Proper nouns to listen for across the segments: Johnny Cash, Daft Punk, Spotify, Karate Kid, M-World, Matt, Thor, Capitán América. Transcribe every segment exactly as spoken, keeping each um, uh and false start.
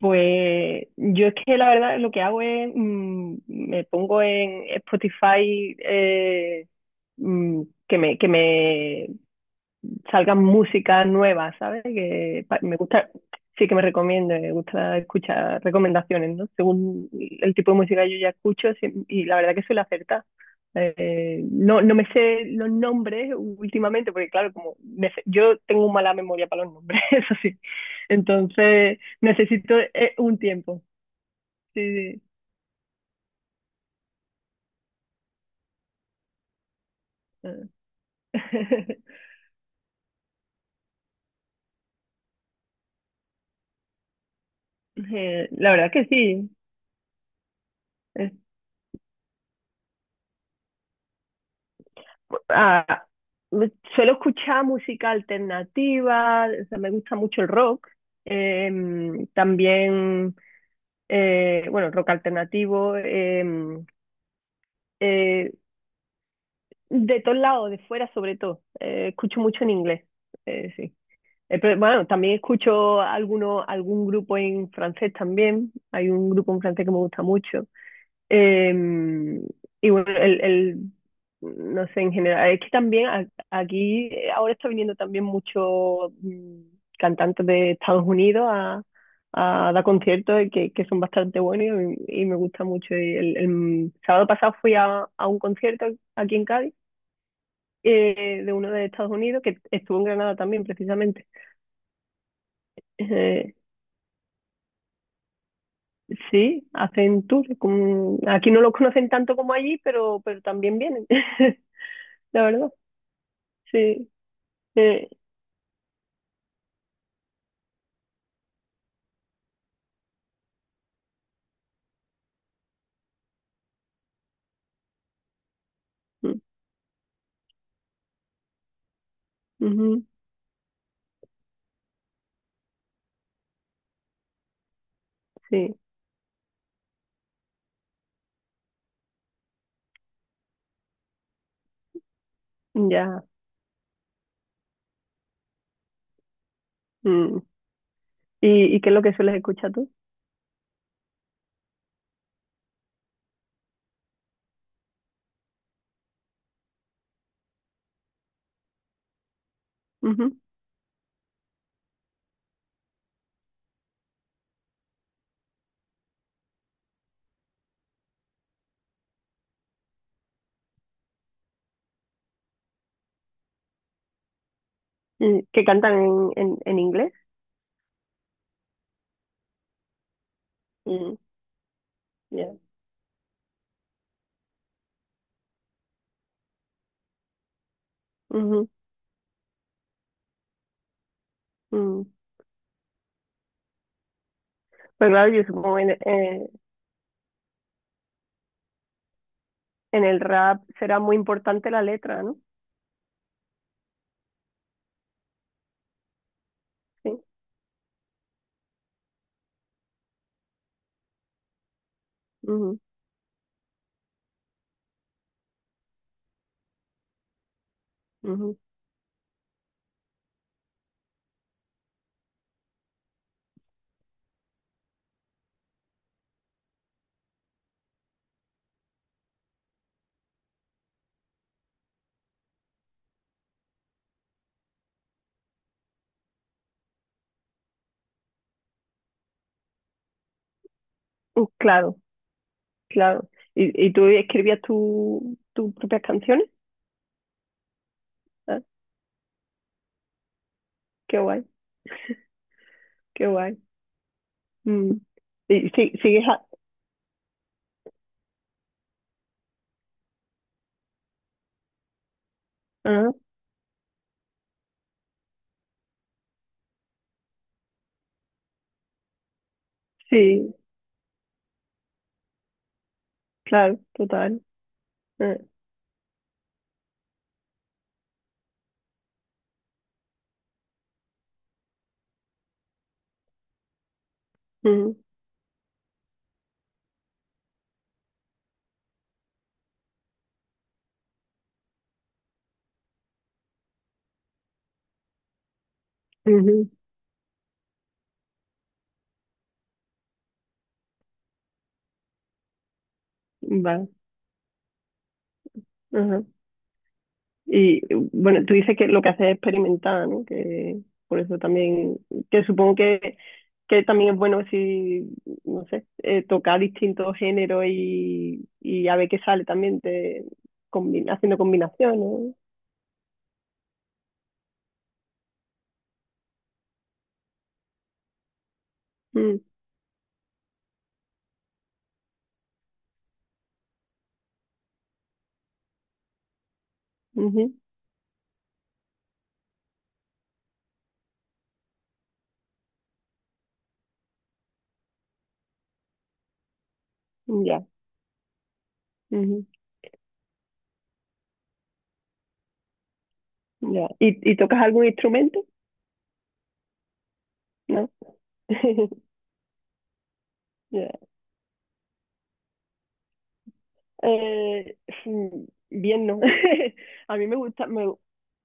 Pues yo es que la verdad lo que hago es, mm, me pongo en Spotify eh, mm, que me, que me salgan músicas nuevas, ¿sabes? Que pa- me gusta, sí que me recomiende, me gusta escuchar recomendaciones, ¿no? Según el tipo de música que yo ya escucho sí, y la verdad que suele acertar. Eh, no, no me sé los nombres últimamente, porque claro, como me sé- yo tengo mala memoria para los nombres, eso sí. Entonces necesito eh, un tiempo. Sí, sí. Eh, La verdad que sí. Es- ah, me- Suelo escuchar música alternativa, o sea, me gusta mucho el rock. Em, también, eh, bueno, rock alternativo, em, eh, de todos lados, de fuera sobre todo. Eh, escucho mucho en inglés, eh, sí. Eh, pero, bueno, también escucho alguno, algún grupo en francés también. Hay un grupo en francés que me gusta mucho. Eh, y bueno, el, el, no sé, en general, es que también a- aquí eh, ahora está viniendo también muchos mm, cantantes de Estados Unidos a, a dar conciertos y que, que son bastante buenos y, y me gusta mucho. Y el, el sábado pasado fui a, a un concierto aquí en Cádiz eh, de uno de Estados Unidos que estuvo en Granada también, precisamente. Eh, sí, hacen tour. con- Aquí no los conocen tanto como allí, pero, pero también vienen, la verdad. Sí. Eh, mm, ujú, sí, ya. Mm. ¿Y, y qué es lo que sueles escuchar tú? Ujú. Mm, ¿que cantan en, en, en inglés? Mm, ya. Ujú, mm. Pues claro, yo supongo en, eh, en el rap será muy importante la letra, ¿no? Sí. Ujú, ujú. Mm, claro, claro. ¿Y, y tú escribías tu, tus propias canciones? Ah, qué guay, qué guay. Mm. ¿Y si- sigues a- ah, sí, claro, total. Ah, ujú, ujú, vale. Ajá. Y bueno, tú dices que lo que haces es experimentar, ¿no? Que por eso también, que supongo que, que también es bueno si, no sé, eh, tocar distintos géneros y, y a ver qué sale también de, combi- haciendo combinaciones, ¿no? Mm, ujú, ya, ujú, ya. ¿Y, y tocas algún instrumento? ¿No? Ya. Eh, mm, bien, ¿no? A mí me gusta, me,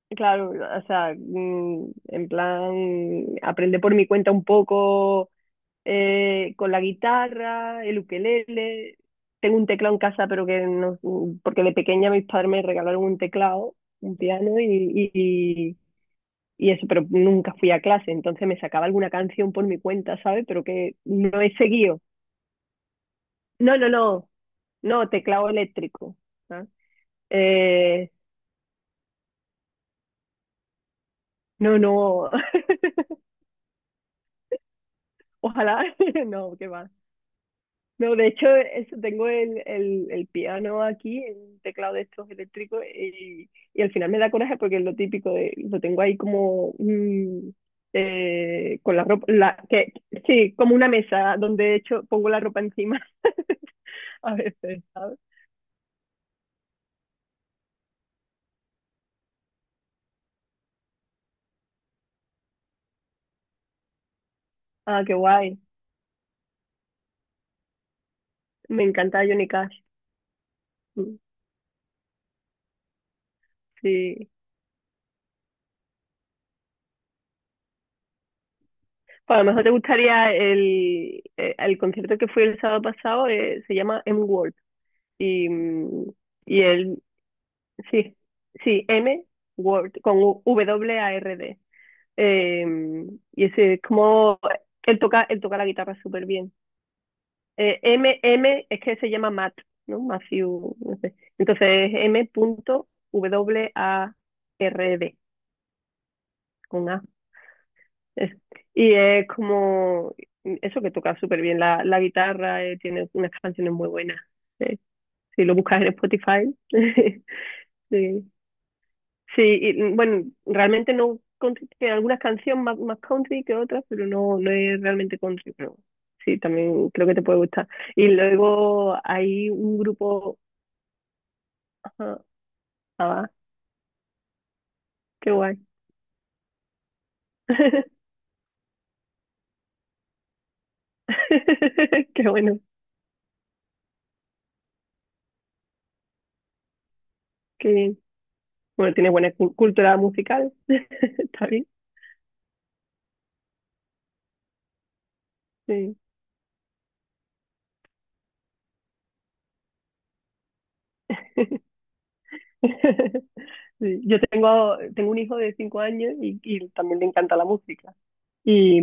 Claro, o sea, mm, en plan, aprender por mi cuenta un poco eh, con la guitarra, el ukelele. Tengo un teclado en casa, pero que no, porque de pequeña mis padres me regalaron un teclado, un piano y, y, y eso, pero nunca fui a clase, entonces me sacaba alguna canción por mi cuenta, ¿sabes? Pero que no he seguido. No, no, no, no, teclado eléctrico. ¿Sabes? Eh, no, no, ojalá, no, qué va. No, de hecho, eso, tengo el, el, el piano aquí, el teclado de estos eléctricos, y, y al final me da coraje porque es lo típico, de, lo tengo ahí como mm, eh, con la ropa, la, que, sí, como una mesa donde de hecho pongo la ropa encima a veces, ¿sabes? Ah, qué guay, me encanta Johnny Cash, mm, sí. Pues a lo mejor te gustaría el, eh, el concierto que fui el sábado pasado, eh, se llama M-World, y, mm, y él sí, sí, M Word con U- W A R D. Eh, y ese es como él toca, él toca la guitarra súper bien. Eh, M, M es que se llama Matt, ¿no? Matthew, no sé. Entonces es M punto w a r d con A. Es- y es como eso que toca súper bien la, la guitarra, eh, tiene unas canciones muy buenas. Eh, si lo buscas en Spotify, sí, sí, y, mm, bueno, realmente no, country, que algunas canciones más, más country que otras, pero no, no es realmente country, pero sí, también creo que te puede gustar. Y luego hay un grupo, ajá, ah, qué guay, qué bueno, qué bien. Bueno, tiene buena cu- cultura musical, está bien, sí. Sí, yo tengo, tengo un hijo de cinco años y, y también le encanta la música. Y,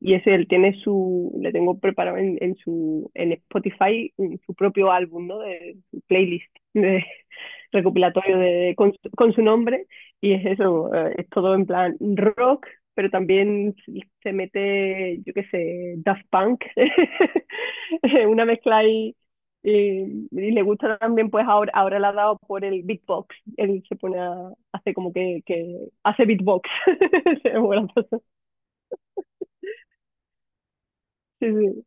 y ese, él tiene su, le tengo preparado en, en su, en Spotify mm, su propio álbum, ¿no? De su playlist de recopilatorio de, con, su- con su nombre. Y es eso, eh, es todo en plan rock, pero también se mete, yo qué sé, Daft Punk, una mezcla ahí. Y, y le gusta también, pues ahora, ahora le ha dado por el beatbox. Él se pone a, hace como que, que hace beatbox. Es muy gracioso. Sí, sí,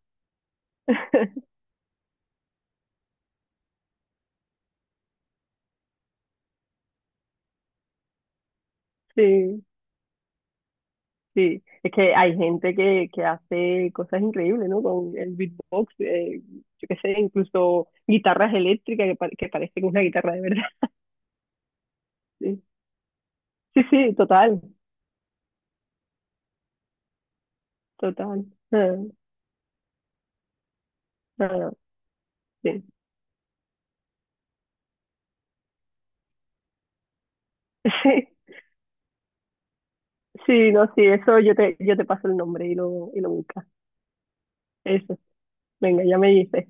sí, sí. Es que hay gente que, que hace cosas increíbles, ¿no? Con el beatbox, eh, yo qué sé, incluso guitarras eléctricas que, pa- que parecen una guitarra de verdad. Sí, sí, sí, total, total. Ah, ah, sí, sí, sí, no, sí, eso yo te, yo te paso el nombre y lo, y lo buscas. Eso, venga, ya me dices.